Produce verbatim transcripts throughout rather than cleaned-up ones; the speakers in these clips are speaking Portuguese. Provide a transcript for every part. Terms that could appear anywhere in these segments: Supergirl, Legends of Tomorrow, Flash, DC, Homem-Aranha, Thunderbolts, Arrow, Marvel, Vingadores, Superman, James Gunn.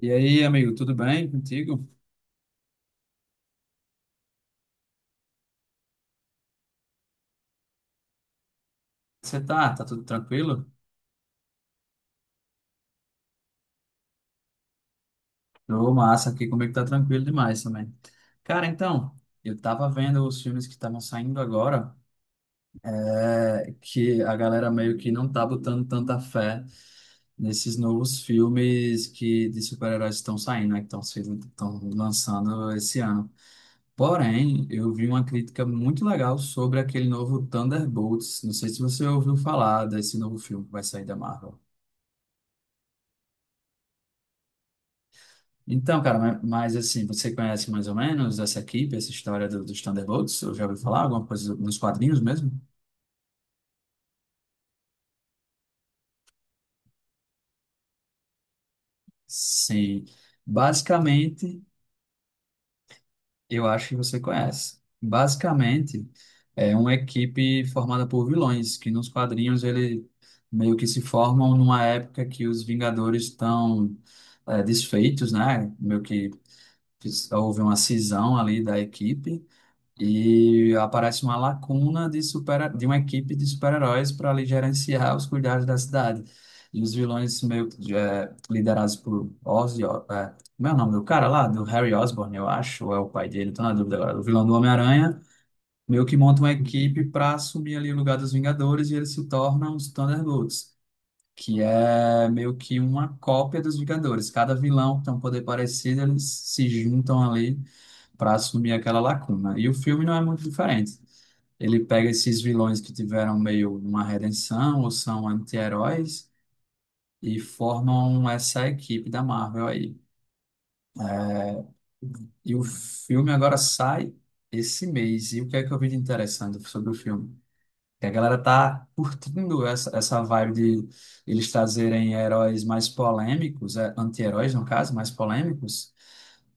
E aí, amigo, tudo bem contigo? Você tá? Tá tudo tranquilo? Tô massa aqui comigo, tá tranquilo demais também. Cara, então, eu tava vendo os filmes que estavam saindo agora, é, que a galera meio que não tá botando tanta fé nesses novos filmes que de super-heróis estão saindo, né? Que estão sendo, estão lançando esse ano. Porém, eu vi uma crítica muito legal sobre aquele novo Thunderbolts. Não sei se você ouviu falar desse novo filme que vai sair da Marvel. Então, cara, ma- mas, assim, você conhece mais ou menos essa equipe, essa história do- dos Thunderbolts? Eu já ouvi falar alguma coisa nos quadrinhos mesmo? Sim. Basicamente, eu acho que você conhece. Basicamente, é uma equipe formada por vilões, que nos quadrinhos ele meio que se formam numa época que os Vingadores estão é, desfeitos, né? Meio que que houve uma cisão ali da equipe. E aparece uma lacuna de, super, de uma equipe de super-heróis para ali gerenciar os cuidados da cidade. E os vilões meio que, eh, liderados por Ozzy, ó, eh, como é o nome do cara lá? Do Harry Osborn, eu acho, ou é o pai dele, tô na dúvida agora. O vilão do Homem-Aranha meio que monta uma equipe para assumir ali o lugar dos Vingadores e eles se tornam os Thunderbolts, que é meio que uma cópia dos Vingadores. Cada vilão tem um poder parecido, eles se juntam ali para assumir aquela lacuna. E o filme não é muito diferente. Ele pega esses vilões que tiveram meio uma redenção ou são anti-heróis e formam essa equipe da Marvel aí. E o filme agora sai esse mês. E o que é que eu vi de interessante sobre o filme? Que a galera tá curtindo essa, essa vibe de eles trazerem heróis mais polêmicos, é, anti-heróis no caso, mais polêmicos,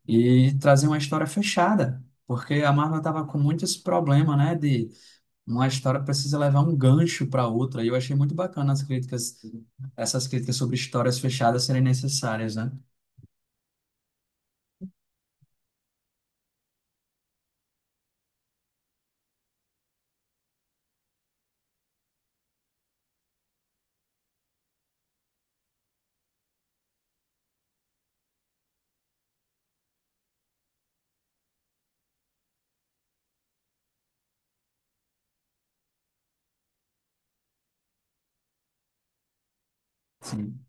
e trazer uma história fechada, porque a Marvel estava com muito esse problema, né, de uma história precisa levar um gancho para outra, e eu achei muito bacana as críticas, essas críticas sobre histórias fechadas serem necessárias, né? Sim.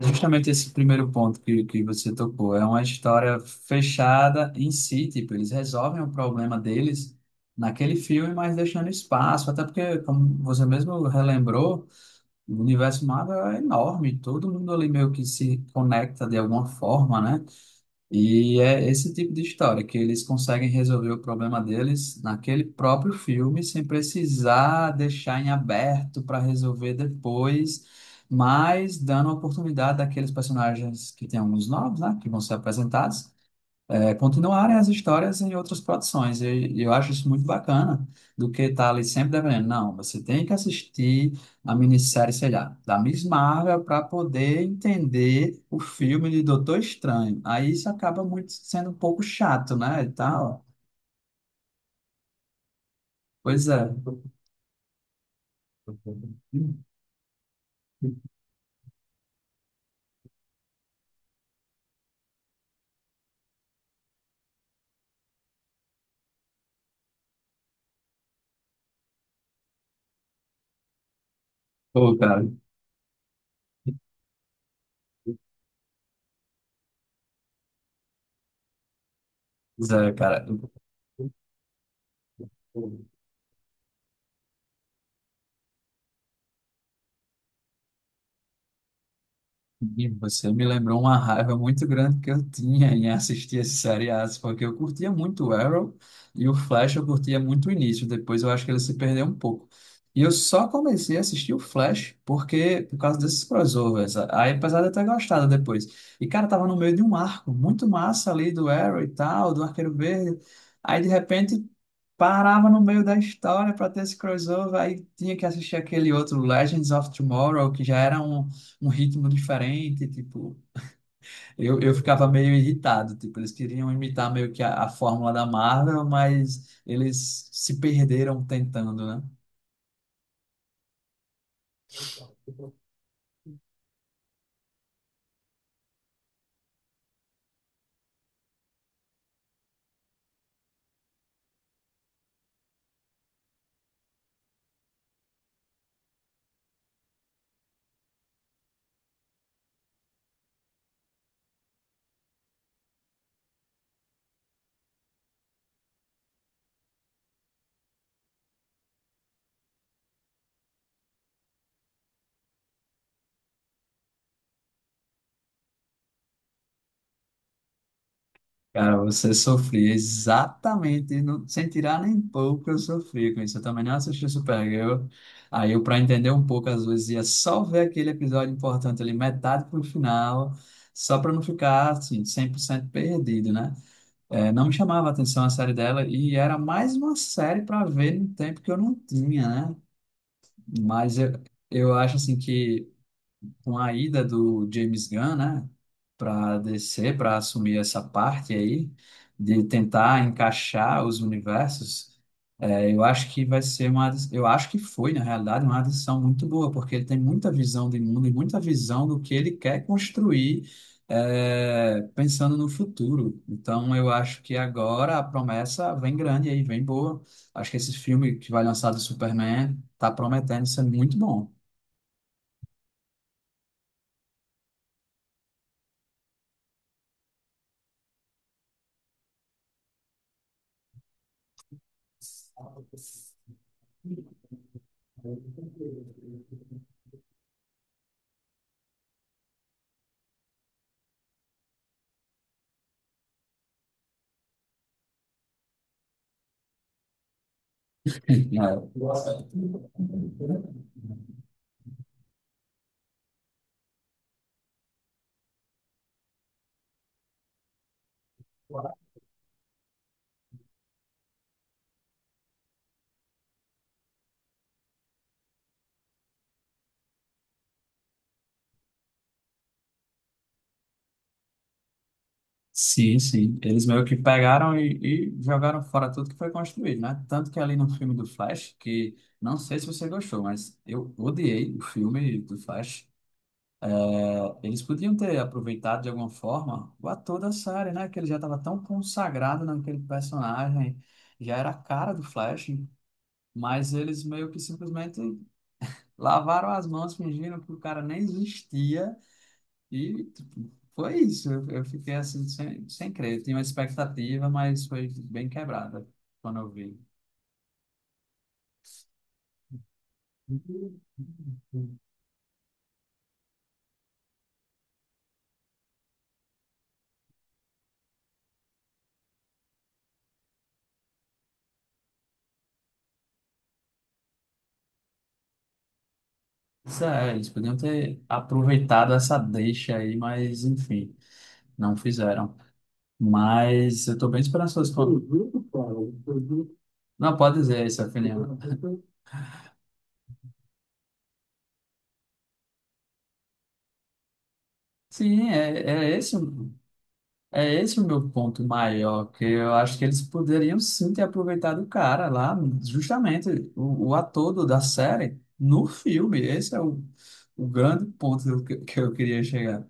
Justamente esse primeiro ponto que, que você tocou, é uma história fechada em si, tipo, eles resolvem o problema deles naquele filme, mas deixando espaço, até porque, como você mesmo relembrou, o universo Marvel é enorme, todo mundo ali meio que se conecta de alguma forma, né? E é esse tipo de história que eles conseguem resolver o problema deles naquele próprio filme, sem precisar deixar em aberto para resolver depois, mas dando a oportunidade daqueles personagens que têm alguns novos, né, que vão ser apresentados é, continuarem as histórias em outras produções. E e eu acho isso muito bacana, do que estar ali sempre dependendo. Não, você tem que assistir a minissérie, sei lá, da Miss Marvel para poder entender o filme de Doutor Estranho. Aí isso acaba muito sendo um pouco chato, né? E tal. Pois é. Pô, cara. Pois é, cara. E você me lembrou uma raiva muito grande que eu tinha em assistir esses seriados, porque eu curtia muito o Arrow e o Flash eu curtia muito o início, depois eu acho que ele se perdeu um pouco. E eu só comecei a assistir o Flash porque por causa desses crossovers. Aí, apesar de eu ter gostado depois. E, cara, tava no meio de um arco muito massa ali do Arrow e tal, do Arqueiro Verde. Aí, de repente, parava no meio da história para ter esse crossover. Aí tinha que assistir aquele outro Legends of Tomorrow, que já era um um ritmo diferente, tipo, eu, eu ficava meio irritado, tipo, eles queriam imitar meio que a, a fórmula da Marvel, mas eles se perderam tentando, né? Cara, você sofria exatamente, não, sem tirar nem pouco, eu sofri com isso. Eu também não assisti Supergirl. Aí eu, para entender um pouco, às vezes ia só ver aquele episódio importante ali, metade pro final, só para não ficar, assim, cem por cento perdido, né? É, não me chamava atenção a série dela e era mais uma série para ver no tempo que eu não tinha, né? Mas eu, eu acho assim que com a ida do James Gunn, né, para D C, para assumir essa parte aí de tentar encaixar os universos, é, eu acho que vai ser uma, eu acho que foi, na realidade, uma adição muito boa, porque ele tem muita visão do mundo e muita visão do que ele quer construir, eh, pensando no futuro. Então, eu acho que agora a promessa vem grande aí, vem boa. Acho que esse filme que vai lançar do Superman está prometendo ser muito bom. É. Sim, sim. Eles meio que pegaram e, e jogaram fora tudo que foi construído, né? Tanto que ali no filme do Flash, que não sei se você gostou, mas eu odiei o filme do Flash. É, eles podiam ter aproveitado de alguma forma o ator da série, né? Que ele já estava tão consagrado naquele personagem, já era a cara do Flash, mas eles meio que simplesmente lavaram as mãos fingindo que o cara nem existia e tipo, foi isso. Eu, eu fiquei assim, sem, sem crer. Eu tinha uma expectativa, mas foi bem quebrada quando eu vi. Isso é, eles podiam ter aproveitado essa deixa aí, mas enfim, não fizeram. Mas eu tô bem esperançoso. Com- Não, pode dizer essa opinião. Sim, é, é esse. É esse o meu ponto maior, que eu acho que eles poderiam sim ter aproveitado o cara lá, justamente o, o ator do- da série, no filme. Esse é o, o grande ponto que, eu- que eu queria chegar.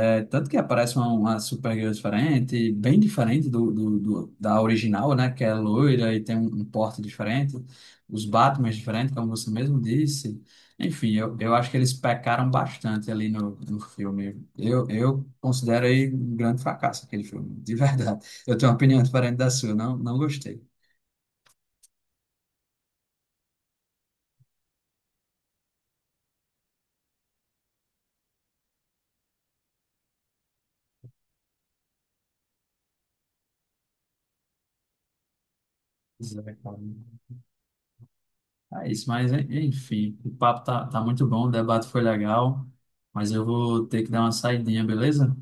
É tanto que aparece uma, uma Supergirl diferente, bem diferente do, do, do- da original, né? Que é loira e tem um, um porte diferente, os Batmans diferentes, como você mesmo disse. Enfim, eu, eu acho que eles pecaram bastante ali no, no filme. Eu, eu considero aí um grande fracasso aquele filme, de verdade. Eu tenho uma opinião diferente da sua, não, não gostei. Pois é, cara. É isso, mas en- enfim, o papo tá, tá muito bom, o debate foi legal, mas eu vou ter que dar uma saidinha, beleza?